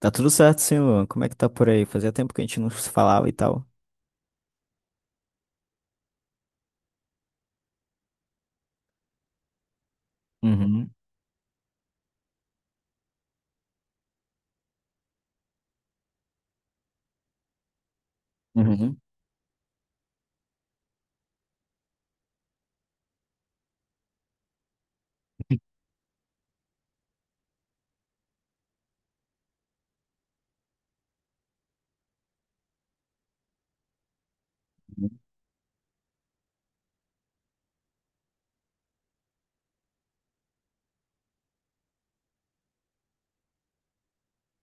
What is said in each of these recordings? Tá tudo certo, sim, Luan. Como é que tá por aí? Fazia tempo que a gente não se falava e tal. Uhum, uhum.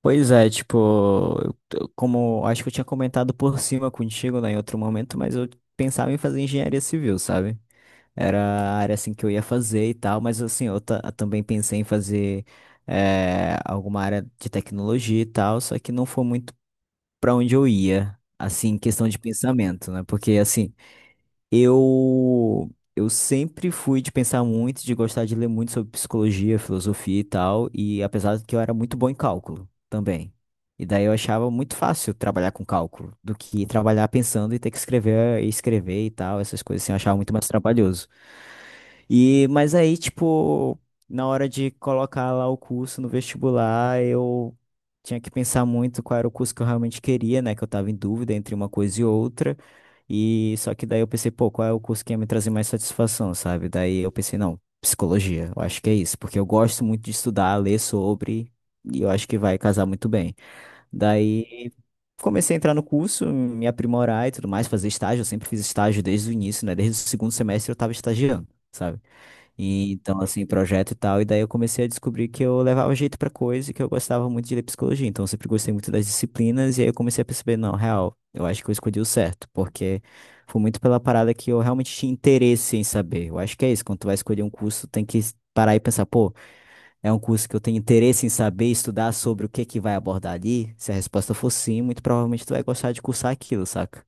Pois é, tipo, como acho que eu tinha comentado por cima contigo, né, em outro momento, mas eu pensava em fazer engenharia civil, sabe? Era a área assim que eu ia fazer e tal, mas assim, também pensei em fazer alguma área de tecnologia e tal, só que não foi muito pra onde eu ia, assim, em questão de pensamento, né? Porque assim, Eu eu sempre fui de pensar muito, de gostar de ler muito sobre psicologia, filosofia e tal, e apesar de que eu era muito bom em cálculo também. E daí eu achava muito fácil trabalhar com cálculo do que trabalhar pensando e ter que escrever e escrever e tal, essas coisas assim, eu achava muito mais trabalhoso. E, mas aí, tipo, na hora de colocar lá o curso no vestibular, eu tinha que pensar muito qual era o curso que eu realmente queria, né? Que eu tava em dúvida entre uma coisa e outra. E só que daí eu pensei, pô, qual é o curso que ia me trazer mais satisfação, sabe? Daí eu pensei, não, psicologia, eu acho que é isso, porque eu gosto muito de estudar, ler sobre, e eu acho que vai casar muito bem. Daí comecei a entrar no curso, me aprimorar e tudo mais, fazer estágio, eu sempre fiz estágio desde o início, né? Desde o segundo semestre eu tava estagiando, sabe? E, então, assim, projeto e tal. E daí eu comecei a descobrir que eu levava jeito pra coisa e que eu gostava muito de ler psicologia. Então, eu sempre gostei muito das disciplinas. E aí eu comecei a perceber, não, real, eu acho que eu escolhi o certo. Porque foi muito pela parada que eu realmente tinha interesse em saber. Eu acho que é isso. Quando tu vai escolher um curso, tem que parar e pensar, pô, é um curso que eu tenho interesse em saber, estudar sobre o que que vai abordar ali. Se a resposta for sim, muito provavelmente tu vai gostar de cursar aquilo, saca?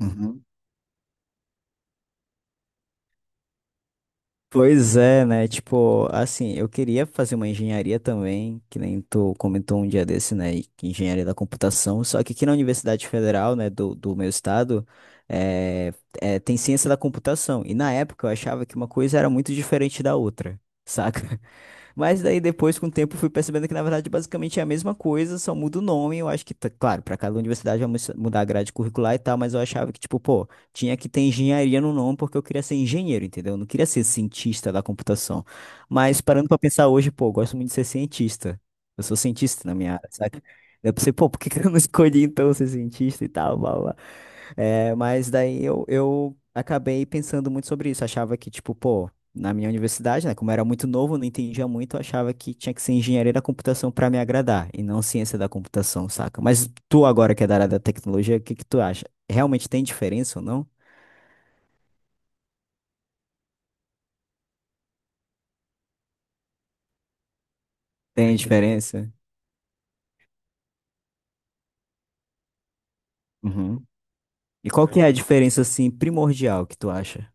Uhum. Pois é, né? Tipo, assim, eu queria fazer uma engenharia também, que nem tu comentou um dia desse, né? E que engenharia da computação. Só que aqui na Universidade Federal, né, do meu estado, é, tem ciência da computação. E na época eu achava que uma coisa era muito diferente da outra, saca? Mas daí depois, com o tempo, fui percebendo que, na verdade, basicamente é a mesma coisa, só muda o nome. Eu acho que, claro, para cada universidade vai mudar a grade curricular e tal, mas eu achava que, tipo, pô, tinha que ter engenharia no nome porque eu queria ser engenheiro, entendeu? Eu não queria ser cientista da computação. Mas parando pra pensar hoje, pô, eu gosto muito de ser cientista. Eu sou cientista na minha área, saca? Daí eu pensei, pô, por que que eu não escolhi então ser cientista e tal, blá, blá. É, mas daí eu acabei pensando muito sobre isso. Achava que, tipo, pô, na minha universidade, né, como eu era muito novo, não entendia muito, eu achava que tinha que ser engenharia da computação pra me agradar e não ciência da computação, saca? Mas tu agora que é da área da tecnologia, o que que tu acha? Realmente tem diferença ou não? Tem diferença? Uhum. E qual que é a diferença, assim, primordial que tu acha?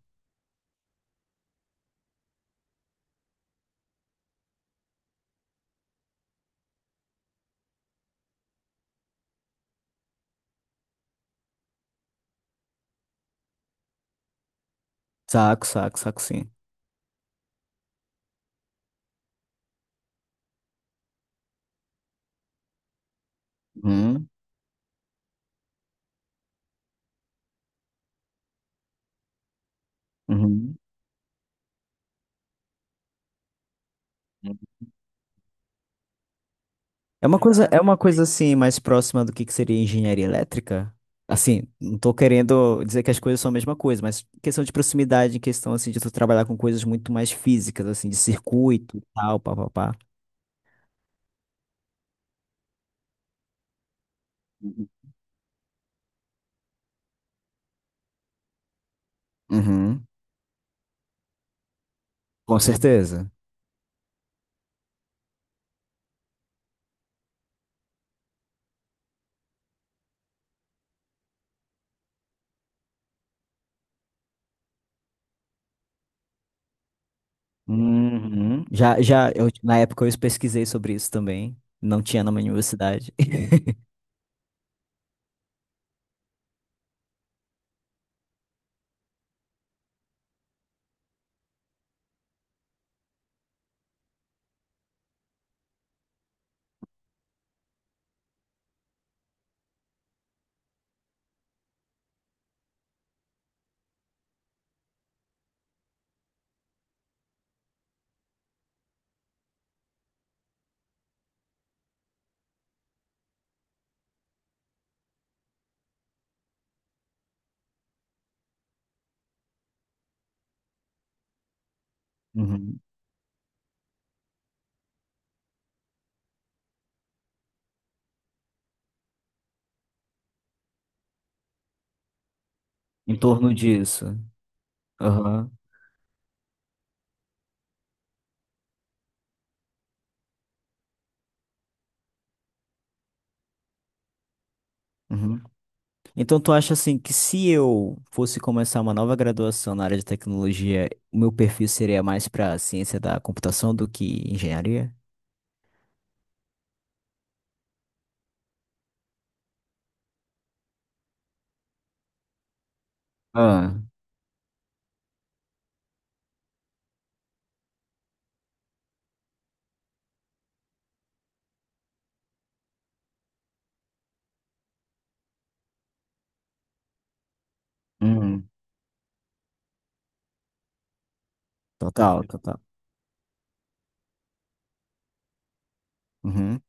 Saco, saco, saco, sim. Uhum. Uhum. É uma coisa, ah, é uma coisa assim mais próxima do que seria engenharia elétrica? Assim, não tô querendo dizer que as coisas são a mesma coisa, mas questão de proximidade, questão assim de tu trabalhar com coisas muito mais físicas, assim, de circuito, e tal, papapá. Uhum. Uhum. Com certeza. Uhum. Já, já, eu, na época eu pesquisei sobre isso também. Não tinha na minha universidade. Uhum. Em torno disso. Aham. Uhum. Então, tu acha assim que se eu fosse começar uma nova graduação na área de tecnologia, o meu perfil seria mais para ciência da computação do que engenharia? Ah, uhum. Total, total. Uhum.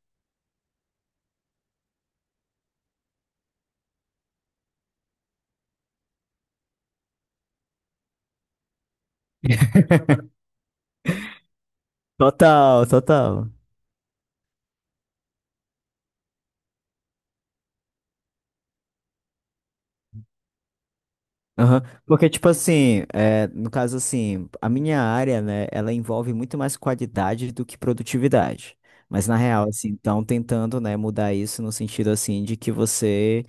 Total, total. Aham. Porque, tipo assim, é, no caso assim, a minha área, né, ela envolve muito mais qualidade do que produtividade. Mas na real, assim, estão tentando, né, mudar isso no sentido assim de que você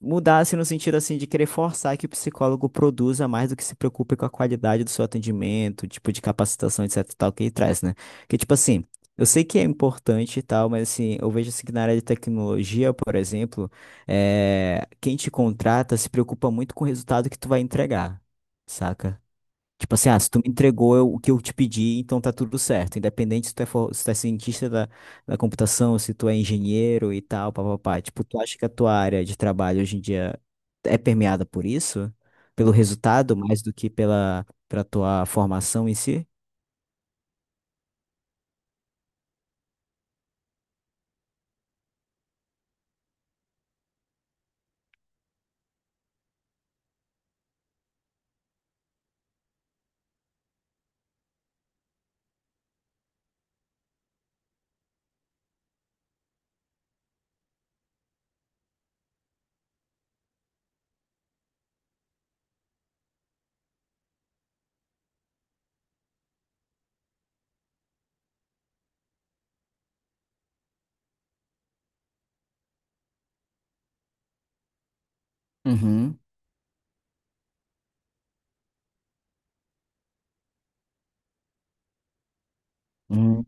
mudasse no sentido assim de querer forçar que o psicólogo produza mais do que se preocupe com a qualidade do seu atendimento, tipo de capacitação, etc, e tal, que ele traz, né? Porque, tipo assim, eu sei que é importante e tal, mas assim, eu vejo assim que na área de tecnologia, por exemplo, é quem te contrata se preocupa muito com o resultado que tu vai entregar, saca? Tipo assim, ah, se tu me entregou o que eu te pedi, então tá tudo certo. Independente se tu é, se tu é cientista da computação, se tu é engenheiro e tal, papapá. Tipo, tu acha que a tua área de trabalho hoje em dia é permeada por isso? Pelo resultado, mais do que pela tua formação em si? Uhum, uhum,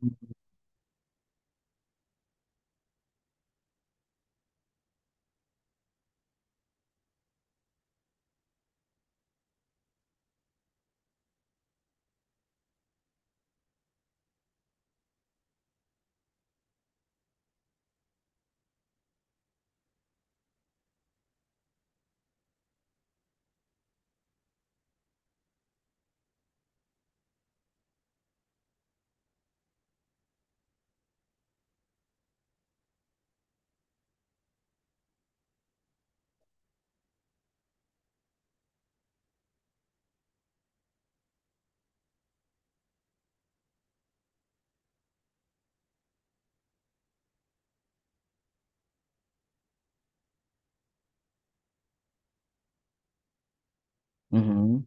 uhum.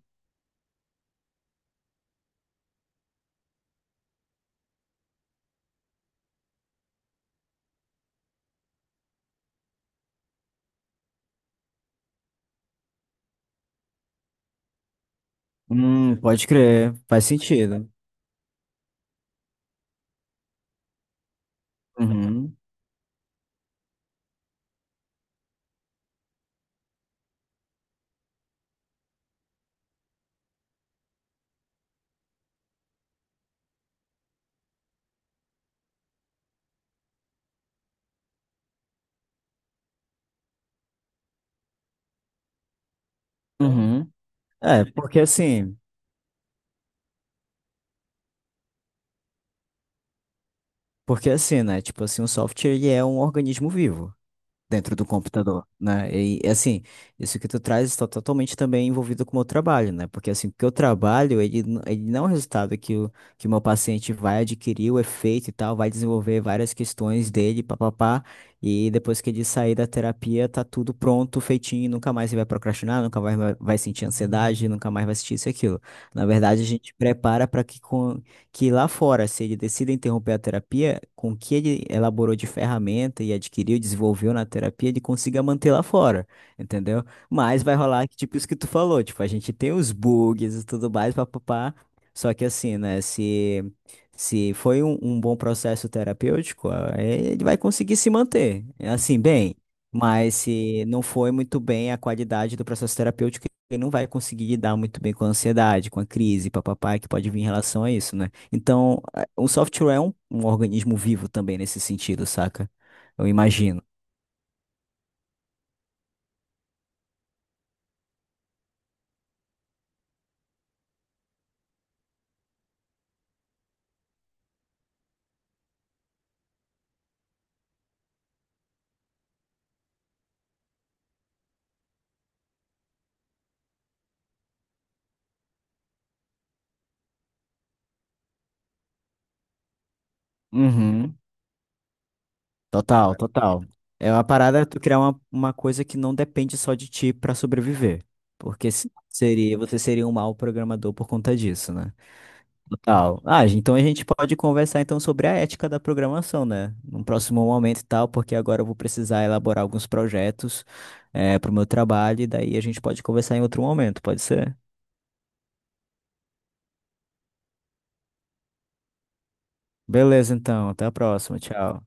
Pode crer, faz sentido. Uhum, uhum. É, porque assim, né? Tipo assim, o software ele é um organismo vivo dentro do computador, né? E assim, isso que tu traz está totalmente também envolvido com o meu trabalho, né? Porque assim, o que eu trabalho, ele, ele não é um resultado que o meu paciente vai adquirir o efeito e tal, vai desenvolver várias questões dele, papapá, e depois que ele sair da terapia, tá tudo pronto, feitinho, nunca mais ele vai procrastinar, nunca mais vai sentir ansiedade, nunca mais vai sentir isso e aquilo. Na verdade, a gente prepara para que lá fora, se ele decide interromper a terapia, com o que ele elaborou de ferramenta e adquiriu, desenvolveu na terapia, ele consiga manter lá fora, entendeu? Mas vai rolar, que, tipo, isso que tu falou, tipo, a gente tem os bugs e tudo mais, papapá. Só que assim, né, se foi um bom processo terapêutico, ah, ele vai conseguir se manter, é assim, bem. Mas se não foi muito bem a qualidade do processo terapêutico, ele não vai conseguir lidar muito bem com a ansiedade, com a crise, papapá, que pode vir em relação a isso, né? Então, o software é um organismo vivo também nesse sentido, saca? Eu imagino. Uhum. Total, total. É uma parada tu criar uma coisa que não depende só de ti pra sobreviver. Porque seria, você seria um mau programador por conta disso, né? Total. Ah, então a gente pode conversar então sobre a ética da programação, né? Num próximo momento e tal, porque agora eu vou precisar elaborar alguns projetos para o meu trabalho, e daí a gente pode conversar em outro momento, pode ser? Beleza, então. Até a próxima. Tchau.